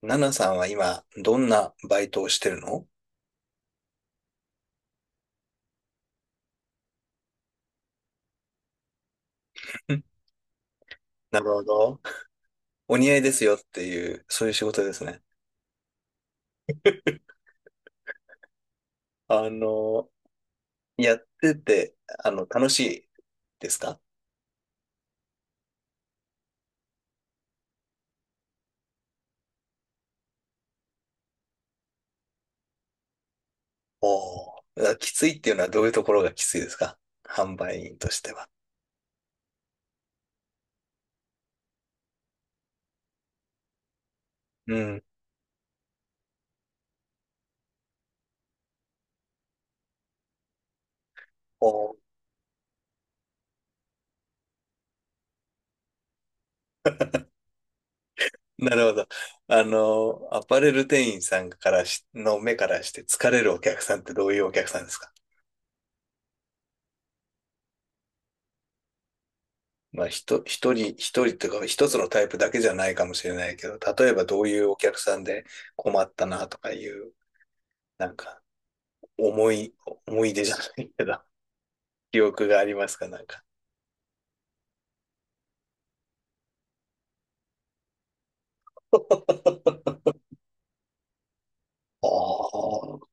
ナナさんは今、どんなバイトをしてるのん？ なるほど。お似合いですよっていう、そういう仕事ですね。あの、やってて、楽しいですか？おおー。きついっていうのはどういうところがきついですか、販売員としては。うん。おー、なるほど。あの、アパレル店員さんからし、の目からして疲れるお客さんってどういうお客さんですか？まあ、ひと、一人、一人というか、一つのタイプだけじゃないかもしれないけど、例えばどういうお客さんで困ったなとかいう、なんか、思い、思い出じゃないけど、記憶がありますか、なんか。ああ、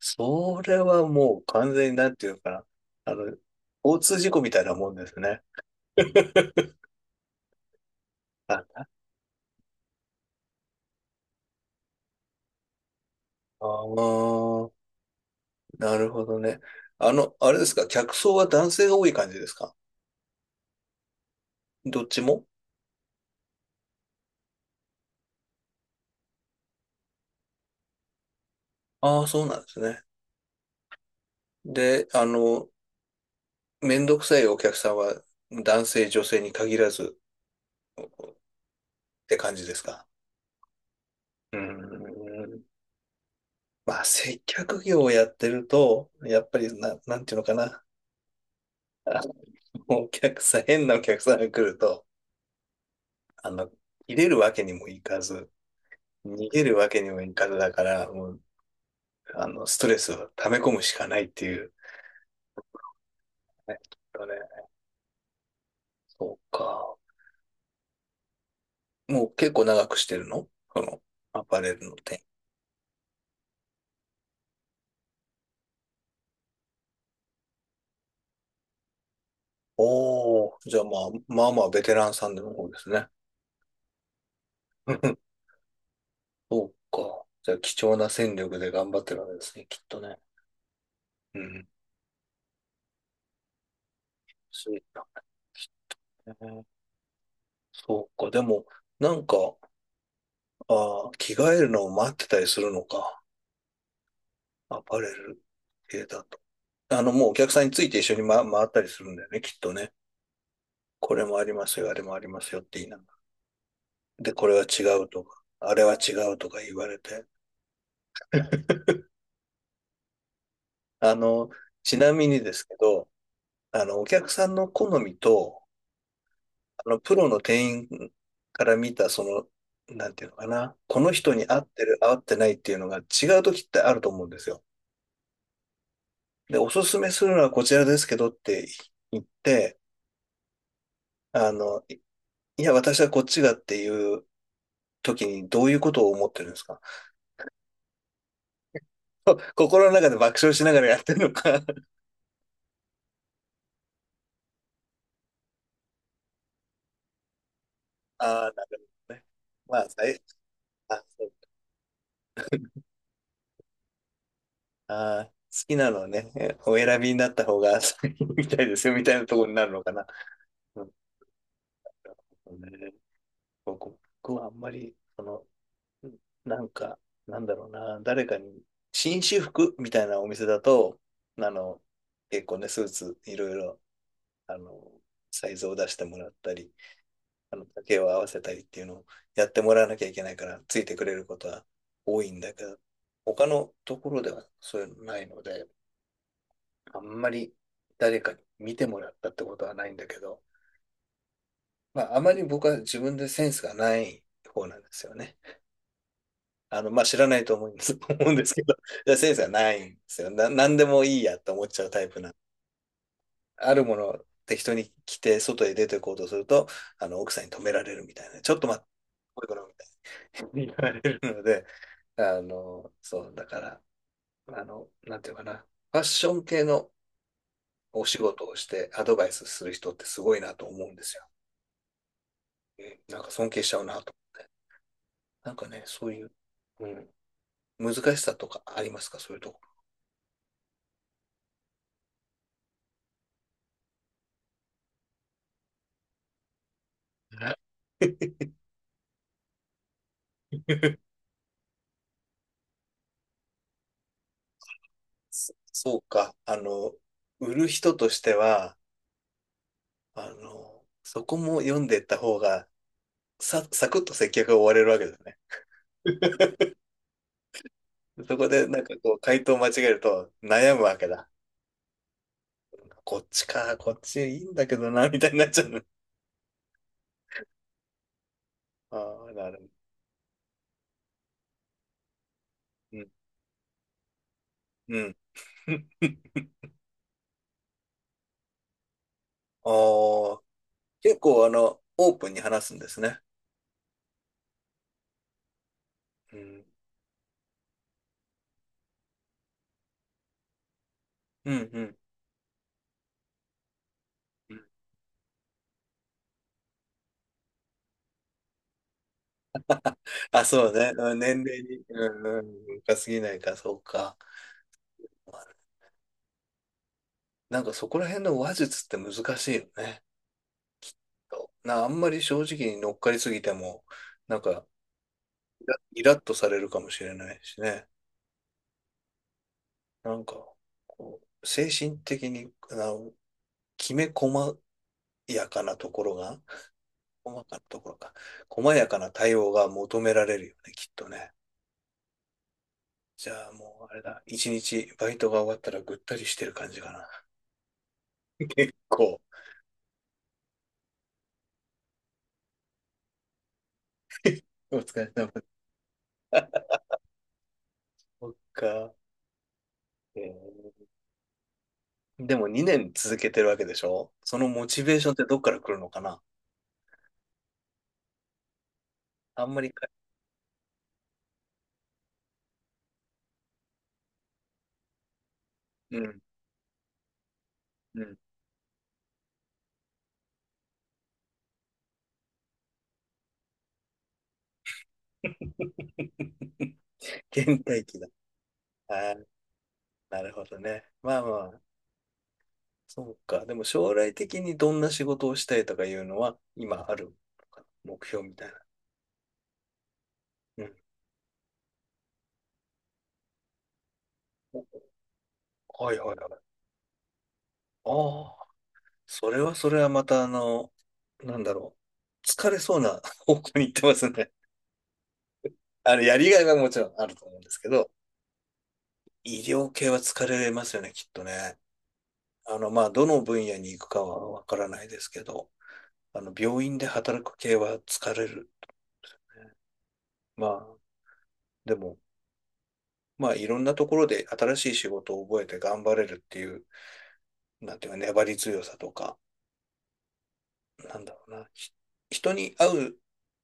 それはもう完全になんていうのかな。あの、交通事故みたいなもんですね。ああー、なるほどね。あの、あれですか、客層は男性が多い感じですか？どっちも？ああー、そうなんですね。で、めんどくさいお客さんは男性、女性に限らずって感じですか？うーん。まあ、接客業をやってると、やっぱりな、なんていうのかな。あの、お客さん、変なお客さんが来ると、あの、入れるわけにもいかず、逃げるわけにもいかずだから、もう、あの、ストレスを溜め込むしかないっていう。ね、きっとね。そうか。もう結構長くしてるの、その、アパレルの店。おー、じゃあまあ、まあまあ、ベテランさんでの方ですね。そうか。じゃあ、貴重な戦力で頑張ってるわけですね、きっとね。うん。そうだね。そうか。でも、なんか、あー、着替えるのを待ってたりするのか。アパレル系だと。あの、もうお客さんについて一緒に、ま、回ったりするんだよね、きっとね。これもありますよ、あれもありますよって言いながら。で、これは違うとか、あれは違うとか言われて。あの、ちなみにですけど、あの、お客さんの好みと、あの、プロの店員から見た、その、なんていうのかな、この人に合ってる、合ってないっていうのが違う時ってあると思うんですよ。で、おすすめするのはこちらですけどって言って、あの、いいや、私はこっちがっていう時にどういうことを思ってるんですか？こ 心の中で爆笑しながらやってるのか？ ああ、なるほどね。まあ、最あ、そう、あー、好きなのはね、お選びになった方が みたいですよ、みたいなところになるのかな。うんね、僕はあんまり、その、なんか、なんだろうな、誰かに、紳士服みたいなお店だと、あの、結構ね、スーツ、いろいろ、あの、サイズを出してもらったり、あの、丈を合わせたりっていうのをやってもらわなきゃいけないから、ついてくれることは多いんだけど、他のところではそういうのないので、あんまり誰かに見てもらったってことはないんだけど、まあ、あまり僕は自分でセンスがない方なんですよね。あの、まあ、知らないと思うんです 思うんですけど、いやセンスがないんですよ。な、何でもいいやって思っちゃうタイプな。あるものを適当に着て、外へ出て行こうとすると、あの、奥さんに止められるみたいな。ちょっと待って、こういうことみたいに言われるので、あの、そう、だから、あの、なんていうかな。ファッション系のお仕事をしてアドバイスする人ってすごいなと思うんですよ。うん、なんか尊敬しちゃうなと。なんかね、そういう、うん、難しさとかありますか、そういうところ。そ、そうか。あの、売る人としては、あの、そこも読んでいった方が、サクッと接客が終われるわけですね。そこで、なんかこう、回答を間違えると悩むわけだ。こっちか、こっちいいんだけどな、みたいになっちゃうの。ああ、なるほど。うん。うん。ああ、結構あの、オープンに話すんですね。うん。うん、うん。うん、あ、そうね。うん、年齢に、うん、うん、深すぎないか、そうか。なんかそこら辺の話術って難しいよね。な、あんまり正直に乗っかりすぎても、なんか、イライラッとされるかもしれないしね。なんか、こう、精神的に、な、きめ細やかなところが、細かなところか、細やかな対応が求められるよね、きっとね。じゃあもう、あれだ、一日バイトが終わったらぐったりしてる感じかな。結構、お疲れ様。そっか。えー、でも2年続けてるわけでしょ、そのモチベーションってどっから来るのかな。あんまりか、うん。うん。 限界期だ。あー、なるほどね。まあまあ、そうか。でも将来的にどんな仕事をしたいとかいうのは、今あるのかな、目標みたいな。うん。お、はいはいはい。ああ、それはそれはまたあの、なんだろう。疲れそうな 方向に行ってますね。あの、やりがいはもちろんあると思うんですけど、医療系は疲れますよね、きっとね。あの、まあ、どの分野に行くかはわからないですけど、あの、病院で働く系は疲れる。まあ、でも、まあいろんなところで新しい仕事を覚えて頑張れるっていう、なんていうか粘り強さとか、なんだろうな、人に会う、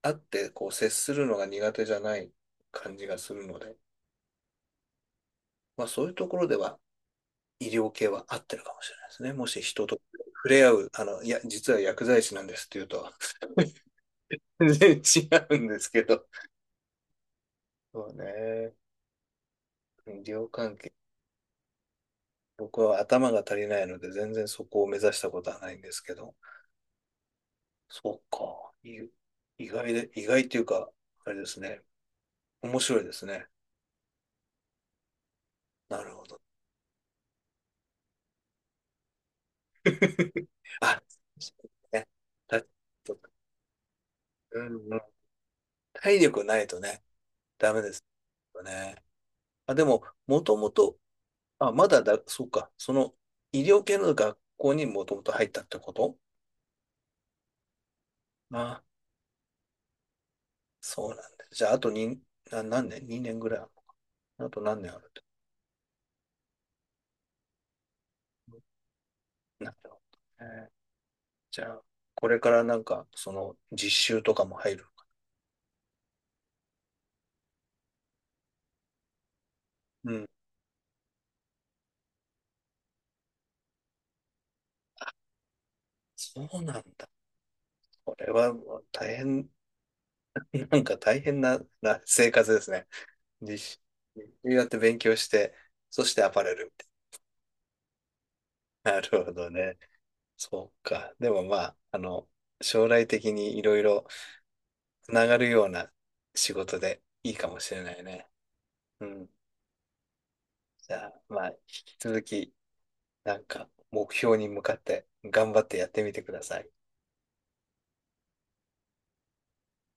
会ってこう接するのが苦手じゃない感じがするので、まあそういうところでは医療系は合ってるかもしれないですね。もし人と触れ合う、あの、いや、実は薬剤師なんですっていうと、全然違うんですけど。そうね。医療関係。僕は頭が足りないので、全然そこを目指したことはないんですけど。そうか。意外で、意外というか、あれですね。面白いですね。なるほど。あ、そうね。だ、うんうん、体力ないとね、ダメですよね。あ、でも、もともと、あ、まだだ、そうか。その、医療系の学校にもともと入ったってこと？あ、そうなんだ。じゃあ、あとに、何年？ 2 年ぐらいあるのか。あと何年あるってこと？なるほどね。じゃあ、これからなんか、その、実習とかも入る。うん。そうなんだ。これはもう大変、なんか大変な、な生活ですね。日誌日誌やって勉強して、そしてアパレルみたいな。なるほどね。そうか。でもまあ、あの、将来的にいろいろつながるような仕事でいいかもしれないね。うん。じゃあ、まあ、引き続き、なんか目標に向かって頑張ってやってみてください。